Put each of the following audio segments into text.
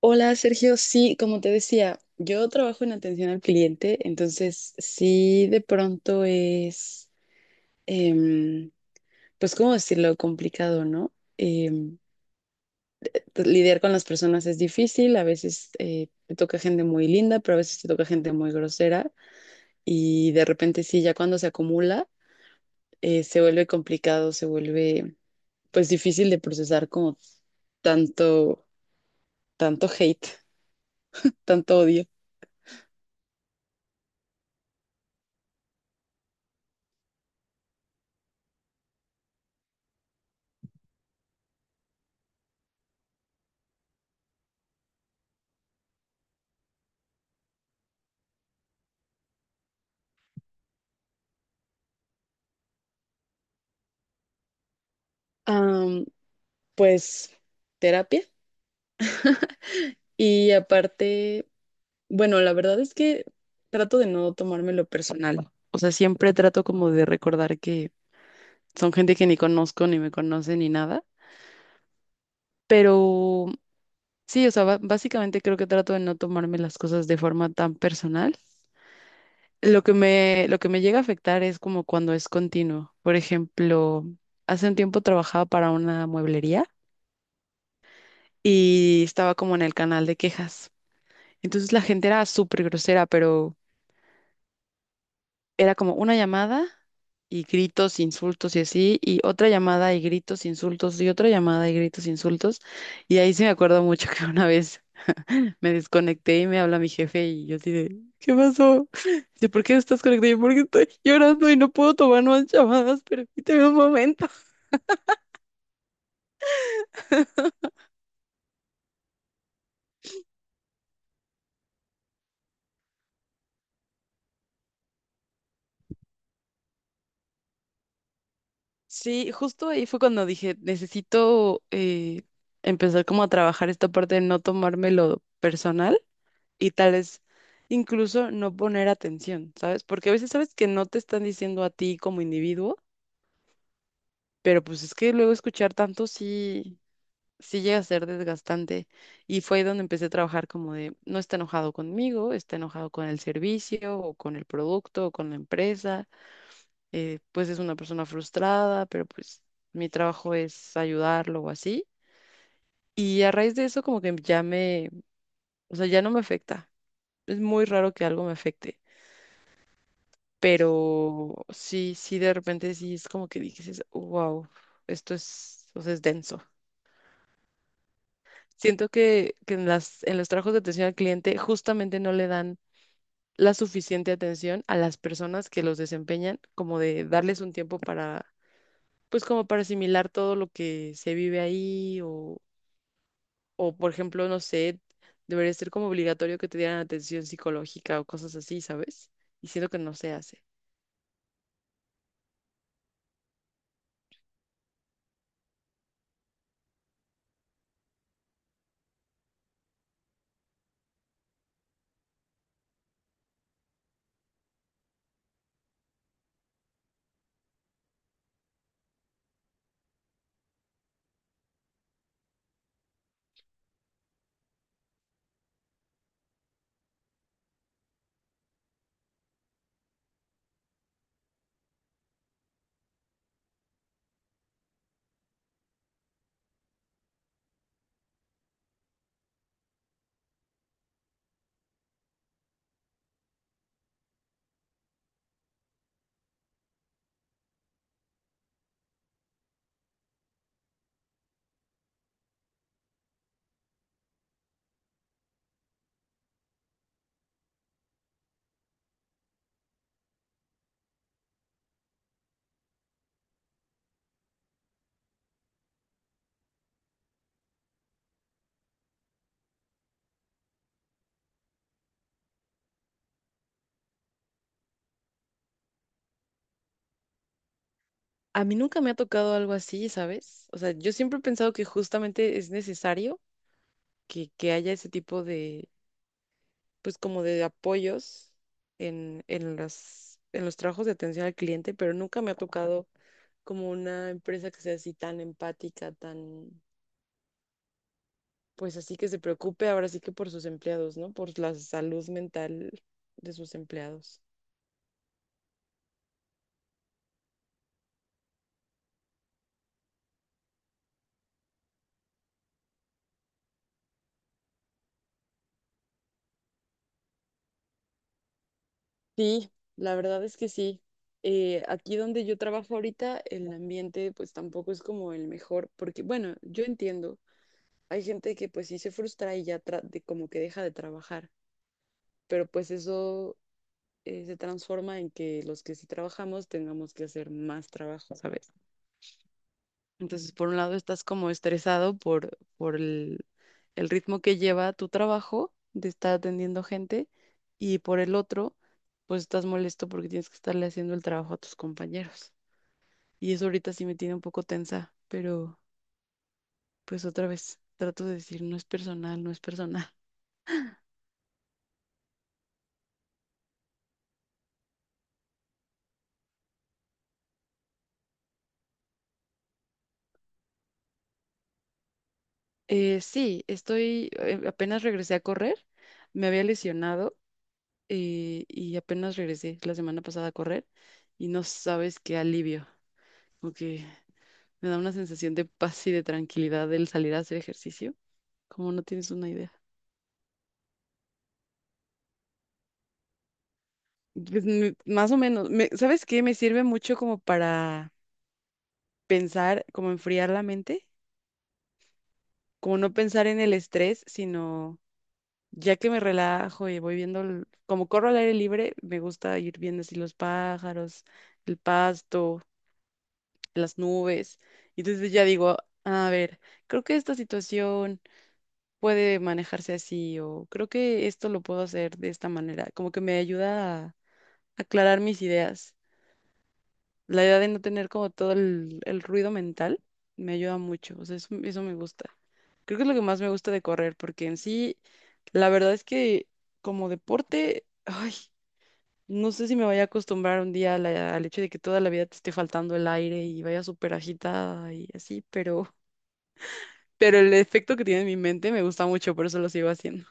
Hola Sergio, sí, como te decía, yo trabajo en atención al cliente, entonces sí de pronto es, em, pues cómo decirlo, complicado, ¿no? Pues, lidiar con las personas es difícil, a veces te toca gente muy linda, pero a veces te toca gente muy grosera y de repente sí, ya cuando se acumula, se vuelve complicado, se vuelve pues difícil de procesar como tanto, tanto hate, tanto odio. Am, pues terapia. Y aparte, bueno, la verdad es que trato de no tomármelo personal. O sea, siempre trato como de recordar que son gente que ni conozco, ni me conoce, ni nada. Pero sí, o sea, básicamente creo que trato de no tomarme las cosas de forma tan personal. Lo que me llega a afectar es como cuando es continuo. Por ejemplo, hace un tiempo trabajaba para una mueblería y estaba como en el canal de quejas. Entonces la gente era súper grosera, pero era como una llamada y gritos, insultos y así, y otra llamada y gritos, insultos y otra llamada y gritos, insultos. Y ahí sí me acuerdo mucho que una vez me desconecté y me habla mi jefe y yo así de, ¿qué pasó? Dice, ¿por qué estás conectado? Yo, porque estoy llorando y no puedo tomar más llamadas, permíteme un momento. Sí, justo ahí fue cuando dije, necesito empezar como a trabajar esta parte de no tomármelo personal y tal vez incluso no poner atención, ¿sabes? Porque a veces sabes que no te están diciendo a ti como individuo, pero pues es que luego escuchar tanto sí, sí llega a ser desgastante. Y fue ahí donde empecé a trabajar como de, no está enojado conmigo, está enojado con el servicio o con el producto o con la empresa, pues es una persona frustrada, pero pues mi trabajo es ayudarlo o así. Y a raíz de eso como que o sea, ya no me afecta. Es muy raro que algo me afecte. Pero sí, sí, de repente sí es como que dices, wow, esto es, o sea, es denso. Siento que en en los trabajos de atención al cliente justamente no le dan la suficiente atención a las personas que los desempeñan, como de darles un tiempo para, pues como para asimilar todo lo que se vive ahí o por ejemplo, no sé, debería ser como obligatorio que te dieran atención psicológica o cosas así, ¿sabes? Y siento que no se hace. A mí nunca me ha tocado algo así, ¿sabes? O sea, yo siempre he pensado que justamente es necesario que haya ese tipo de, pues como de apoyos en en los trabajos de atención al cliente, pero nunca me ha tocado como una empresa que sea así tan empática, tan, pues así que se preocupe ahora sí que por sus empleados, ¿no? Por la salud mental de sus empleados. Sí, la verdad es que sí. Aquí donde yo trabajo ahorita, el ambiente pues tampoco es como el mejor, porque bueno, yo entiendo, hay gente que pues sí se frustra y ya como que deja de trabajar, pero pues eso se transforma en que los que sí trabajamos tengamos que hacer más trabajo, ¿sabes? Entonces, por un lado estás como estresado por el ritmo que lleva tu trabajo de estar atendiendo gente y por el otro, pues estás molesto porque tienes que estarle haciendo el trabajo a tus compañeros. Y eso ahorita sí me tiene un poco tensa, pero pues otra vez trato de decir, no es personal, no es personal. Sí, estoy, apenas regresé a correr, me había lesionado y apenas regresé la semana pasada a correr y no sabes qué alivio. Ok. Me da una sensación de paz y de tranquilidad el salir a hacer ejercicio, como no tienes una idea. Pues, mm, más o menos, ¿sabes qué? Me sirve mucho como para pensar, como enfriar la mente, como no pensar en el estrés, sino ya que me relajo y voy viendo, como corro al aire libre, me gusta ir viendo así los pájaros, el pasto, las nubes. Y entonces ya digo, a ver, creo que esta situación puede manejarse así o creo que esto lo puedo hacer de esta manera, como que me ayuda a aclarar mis ideas. La idea de no tener como todo el ruido mental me ayuda mucho, o sea, eso me gusta. Creo que es lo que más me gusta de correr, porque en sí, la verdad es que como deporte, ay, no sé si me vaya a acostumbrar un día a al hecho de que toda la vida te esté faltando el aire y vaya súper agitada y así, pero el efecto que tiene en mi mente me gusta mucho, por eso lo sigo haciendo.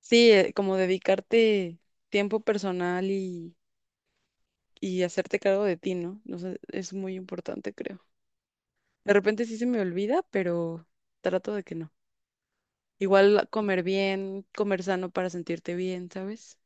Sí, como dedicarte tiempo personal y hacerte cargo de ti, ¿no? No sé, es muy importante, creo. De repente sí se me olvida, pero trato de que no. Igual comer bien, comer sano para sentirte bien, ¿sabes?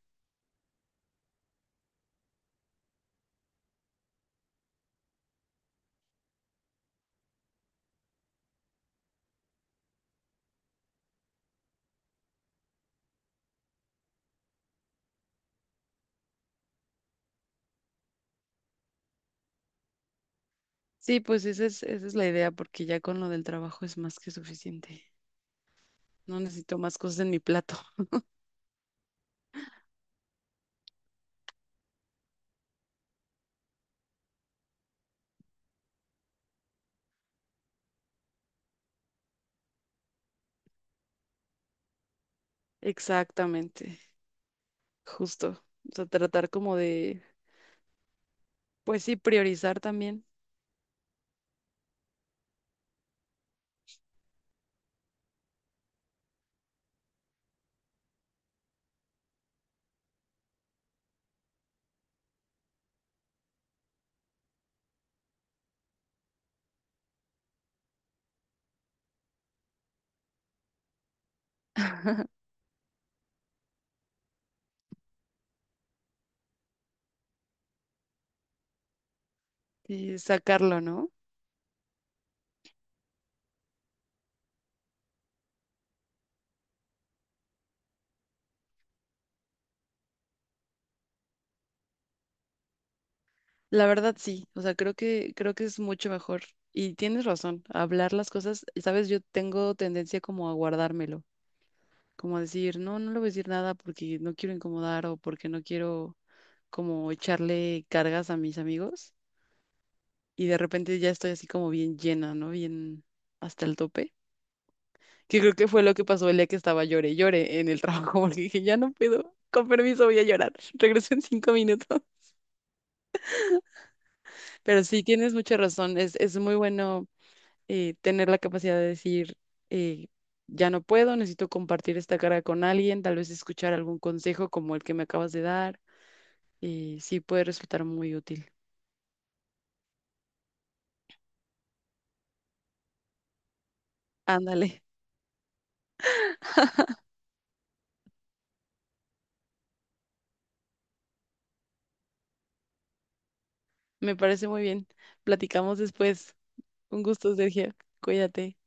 Sí, pues esa es la idea, porque ya con lo del trabajo es más que suficiente. No necesito más cosas en mi plato. Exactamente, justo. O sea, tratar como de, pues sí, priorizar también y sacarlo, ¿no? La verdad sí, o sea, creo que es mucho mejor y tienes razón, hablar las cosas, sabes, yo tengo tendencia como a guardármelo, como a decir, no, no le voy a decir nada porque no quiero incomodar o porque no quiero como echarle cargas a mis amigos y de repente ya estoy así como bien llena, ¿no? Bien hasta el tope, que creo que fue lo que pasó el día que estaba llore, y llore en el trabajo porque dije, ya no puedo, con permiso voy a llorar, regreso en 5 minutos, pero sí, tienes mucha razón, es muy bueno tener la capacidad de decir, eh, ya no puedo, necesito compartir esta carga con alguien, tal vez escuchar algún consejo como el que me acabas de dar, y sí puede resultar muy útil. Ándale, me parece muy bien. Platicamos después. Un gusto, Sergio. Cuídate.